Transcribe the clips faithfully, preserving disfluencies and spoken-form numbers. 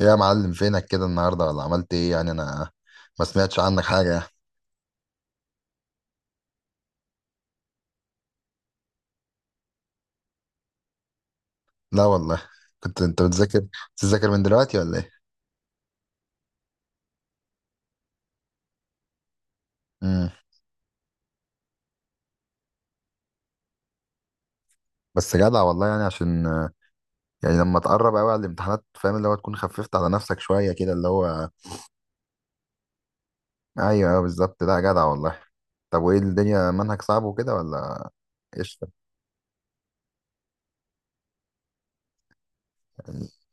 إيه يا معلم فينك كده النهارده ولا عملت ايه يعني انا ما سمعتش عنك حاجة. لا والله. كنت انت بتذاكر بتذاكر من دلوقتي ولا ايه؟ امم. بس جدع والله، يعني عشان آه، يعني لما تقرب قوي على الامتحانات، فاهم اللي هو تكون خففت على نفسك شوية كده اللي هو. ايوه ايوه بالظبط، لا جدع والله. طب وايه الدنيا، منهج صعب وكده ولا؟ قشطة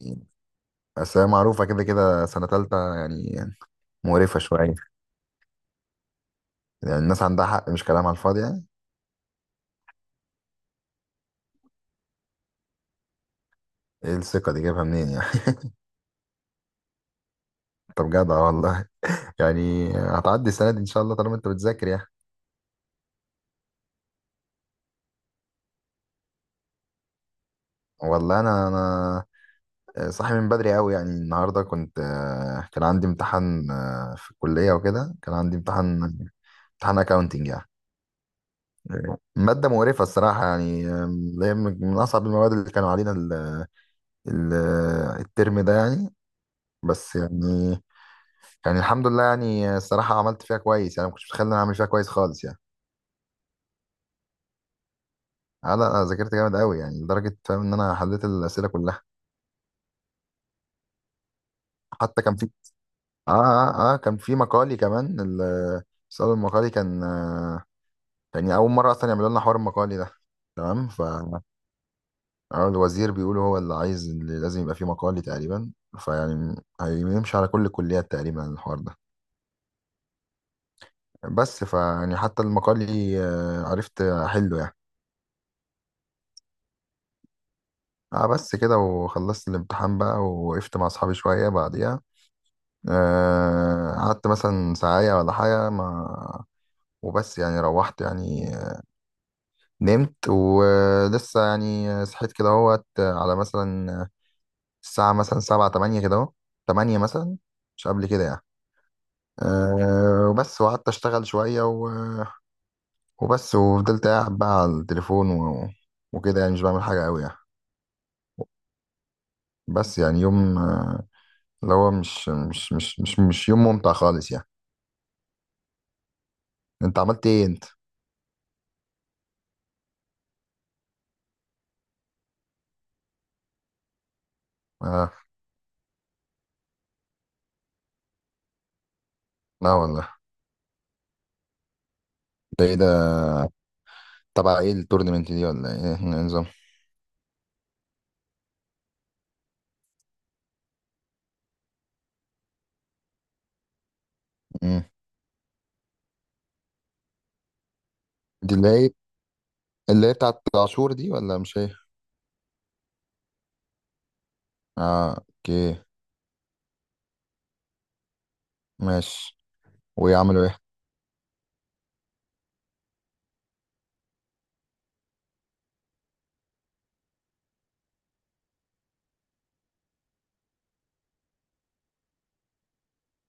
يعني. بس هي معروفة كده كده سنة تالتة يعني. مقرفة شوية. يعني الناس عندها حق، مش كلام على الفاضي يعني. ايه الثقة دي جايبها منين يعني؟ طب جدع والله. يعني هتعدي السنة دي إن شاء الله طالما أنت بتذاكر يعني. والله أنا أنا صاحي من بدري أوي يعني. النهاردة كنت آه، كان عندي امتحان، آه، في الكلية وكده. كان عندي امتحان امتحان أكاونتينج يعني. مادة مقرفة الصراحة يعني. آم، اللي هي من من أصعب المواد اللي كانوا علينا ال- ال- الترم ده يعني. بس يعني يعني الحمد لله، يعني الصراحة عملت فيها كويس يعني. ما كنتش متخيل إن أنا أعمل فيها كويس خالص يعني. أنا أنا ذاكرت جامد أوي يعني، لدرجة فاهم إن أنا حليت الأسئلة كلها. حتى كان في اه اه اه كان في مقالي كمان. ال- السؤال المقالي كان آه، كان اول مره اصلا يعملوا لنا حوار المقالي ده. تمام. ف آه، الوزير بيقولوا هو اللي عايز، اللي لازم يبقى فيه مقالي تقريبا. فيعني هيمشي على كل الكليات تقريبا الحوار ده. بس فيعني حتى المقالي آه، عرفت احله يعني. اه بس كده. وخلصت الامتحان بقى ووقفت مع اصحابي شويه بعديها. آه، قعدت مثلا ساعة ولا حاجة ما. وبس يعني روحت يعني. نمت ولسه يعني صحيت كده اهوت على مثلا الساعة مثلا سبعة تمانية كده اهو. تمانية مثلا، مش قبل كده يعني. أه وبس وقعدت أشتغل شوية و... وبس وفضلت قاعد بقى على التليفون و... وكده يعني مش بعمل حاجة أوي يعني. بس يعني يوم، آه، اللي هو مش مش مش مش مش يوم ممتع خالص يعني. أنت عملت إيه أنت؟ آه لا والله. ده إيه ده؟ تبع إيه التورنمنت دي؟ ولا إيه إيه النظام؟ مم. دي اللي هي اللي هي بتاعت العاشور دي ولا مش هي؟ اه اوكي. ماشي. ويعملوا ايه؟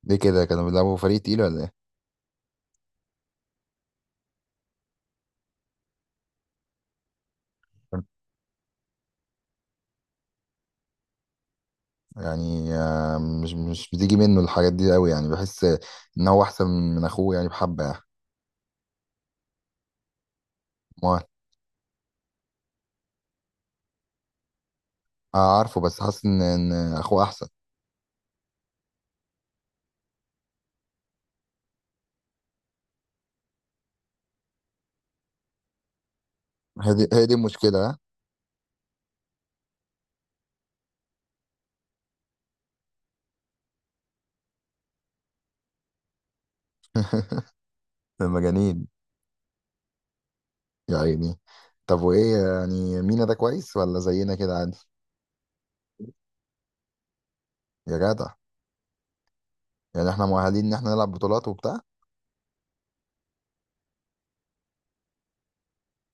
ليه كده، كانوا بيلعبوا فريق تقيل ولا ايه؟ يعني آه، مش مش بتيجي منه الحاجات دي قوي يعني. بحس ان هو احسن من اخوه يعني، بحبه يعني. ما آه عارفه، بس حاسس ان إن اخوه احسن. هي دي هي دي المشكله، ها. المجانين. يا عيني. طب وايه يعني، مينا ده كويس ولا زينا كده عادي؟ يا جدع. يعني احنا مؤهلين ان احنا نلعب بطولات وبتاع.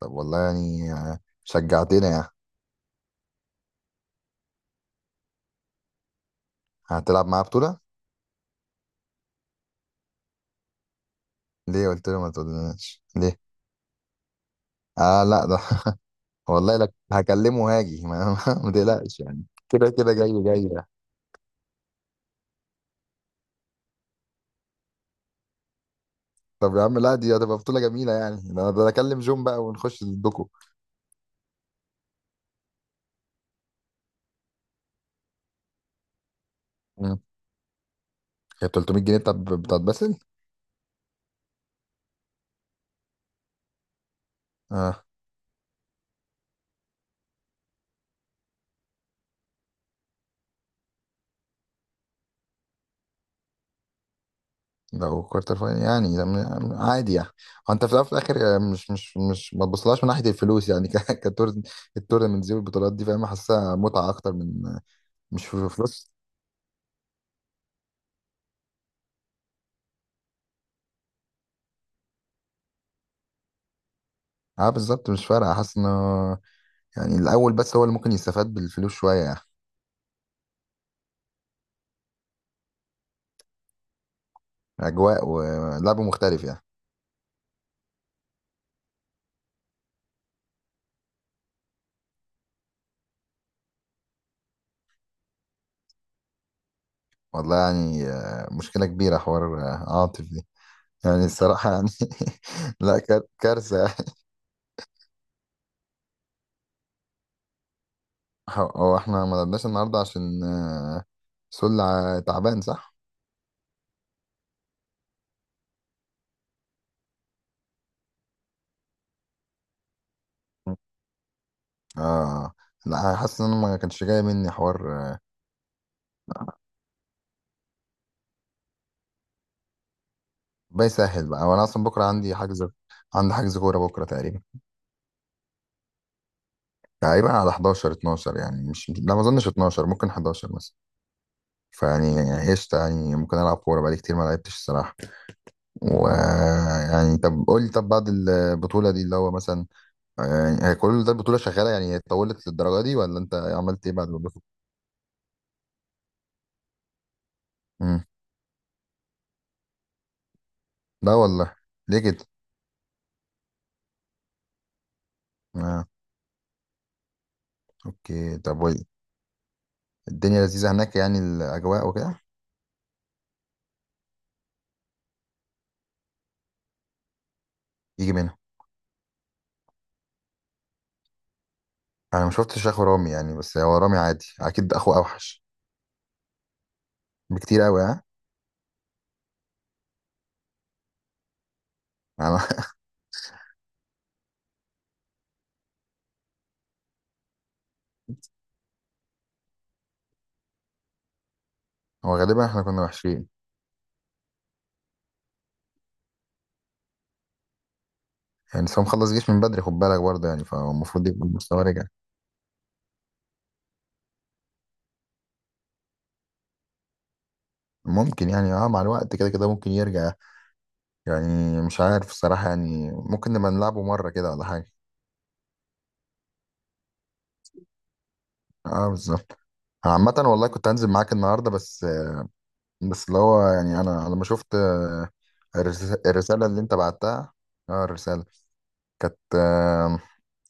طب والله يعني، آه، شجعتنا يعني. هتلعب معاه بطوله؟ ليه قلت له ما تقولناش ليه؟ اه لا ده. والله لك هكلمه هاجي، ما, ما تقلقش يعني، كده كده جاي جاي يعني. طب يا عم لا، دي هتبقى بطولة جميلة يعني. ده انا ده أنا اكلم جون بقى ونخش الدوكو. مم. هي تلت مية جنيه بتاعت بتاعت باسل. اه لو كوارتر فاينل يعني ده م- عادي يعني. هو انت في الاول وفي الاخر، آه، مش مش مش ما تبصلهاش من ناحية الفلوس يعني. ك- كتور التورنمنتس دي والبطولات دي، فاهم، حاسسها متعة اكتر من... مش في فلوس. اه بالظبط، مش فارقة. حاسس انه يعني الاول بس هو اللي ممكن يستفاد بالفلوس شوية يعني. اجواء ولعب مختلف يعني. والله يعني، آه، مشكله كبيره حوار آه، عاطف دي. يعني الصراحه يعني. لا كار- كارثه يعني. هو هو احنا ما لعبناش النهارده عشان آه، سلة تعبان، صح؟ اه لا، حاسس ان انا ما كانش جاي مني حوار آه، بقى يسهل بقى. وانا اصلا بكره عندي حجز، عندي حجز كوره بكره تقريبا تقريبا على حداشر اتناشر يعني، مش، لا ما اظنش اتناشر، ممكن حداشر مثلا. فيعني قشطه يعني، ممكن العب كوره بقالي كتير ما لعبتش الصراحه. ويعني طب قول لي، طب بعد البطولة دي اللي هو مثلا، يعني هي كل ده البطولة شغالة؟ يعني هي طولت للدرجة دي ولا انت عملت ايه بعد البطولة؟ امم. لا والله. ليه كده؟ آه. اوكي طب وال- الدنيا لذيذة هناك يعني، الأجواء وكده؟ يجي منها. أنا ما شفتش أخو رامي يعني، بس هو رامي عادي، أكيد أخوه أوحش. بكتير أوي، ها. أنا- هو غالبا احنا كنا وحشين. يعني بس هو مخلص جيش من بدري، خد بالك برضه يعني، فالمفروض يبقى المستوى رجع. ممكن يعني، اه مع الوقت كده كده ممكن يرجع. يعني مش عارف الصراحة يعني، ممكن نبقى نلعبه مرة كده ولا حاجة. اه بالظبط. عامة والله كنت هنزل معاك النهاردة، بس، بس اللي هو يعني أنا لما شفت، آه، الرس- الرسالة اللي أنت بعتها. اه الرسالة كانت، آه،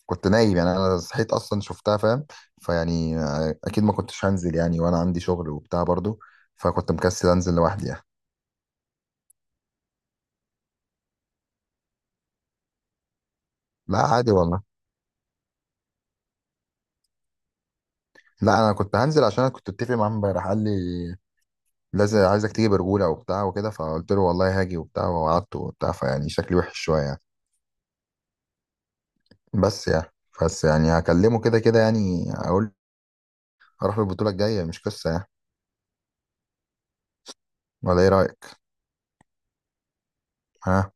كنت نايم يعني. أنا صحيت أصلا شفتها، فاهم؟ فيعني آه، أكيد ما كنتش هنزل يعني، وأنا عندي شغل وبتاع برضو. فكنت مكسل أنزل لوحدي يعني. لا عادي والله. لا أنا كنت هنزل، عشان أنا كنت أتفق معاه امبارح قال لي لازم عايزك تيجي برجولة وبتاع وكده. فقلت له والله هاجي وبتاع ووعدته وبتاع. فيعني شكلي وحش شوية يعني. بس يعني، بس يعني هكلمه كده كده يعني، أقول أروح البطولة الجاية، مش قصة يعني. ولا إيه رأيك؟ ها.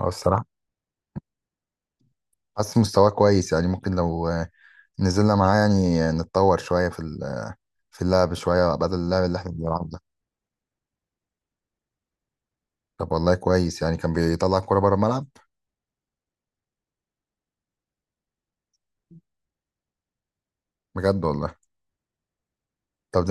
هو الصراحة حاسس مستواه كويس يعني. ممكن لو آه، نزلنا معاه يعني نتطور شوية في ال- في اللعب شوية، بدل اللعب اللي احنا بنلعبه ده. طب والله كويس يعني، كان بيطلع الكورة بره الملعب؟ بجد والله. طب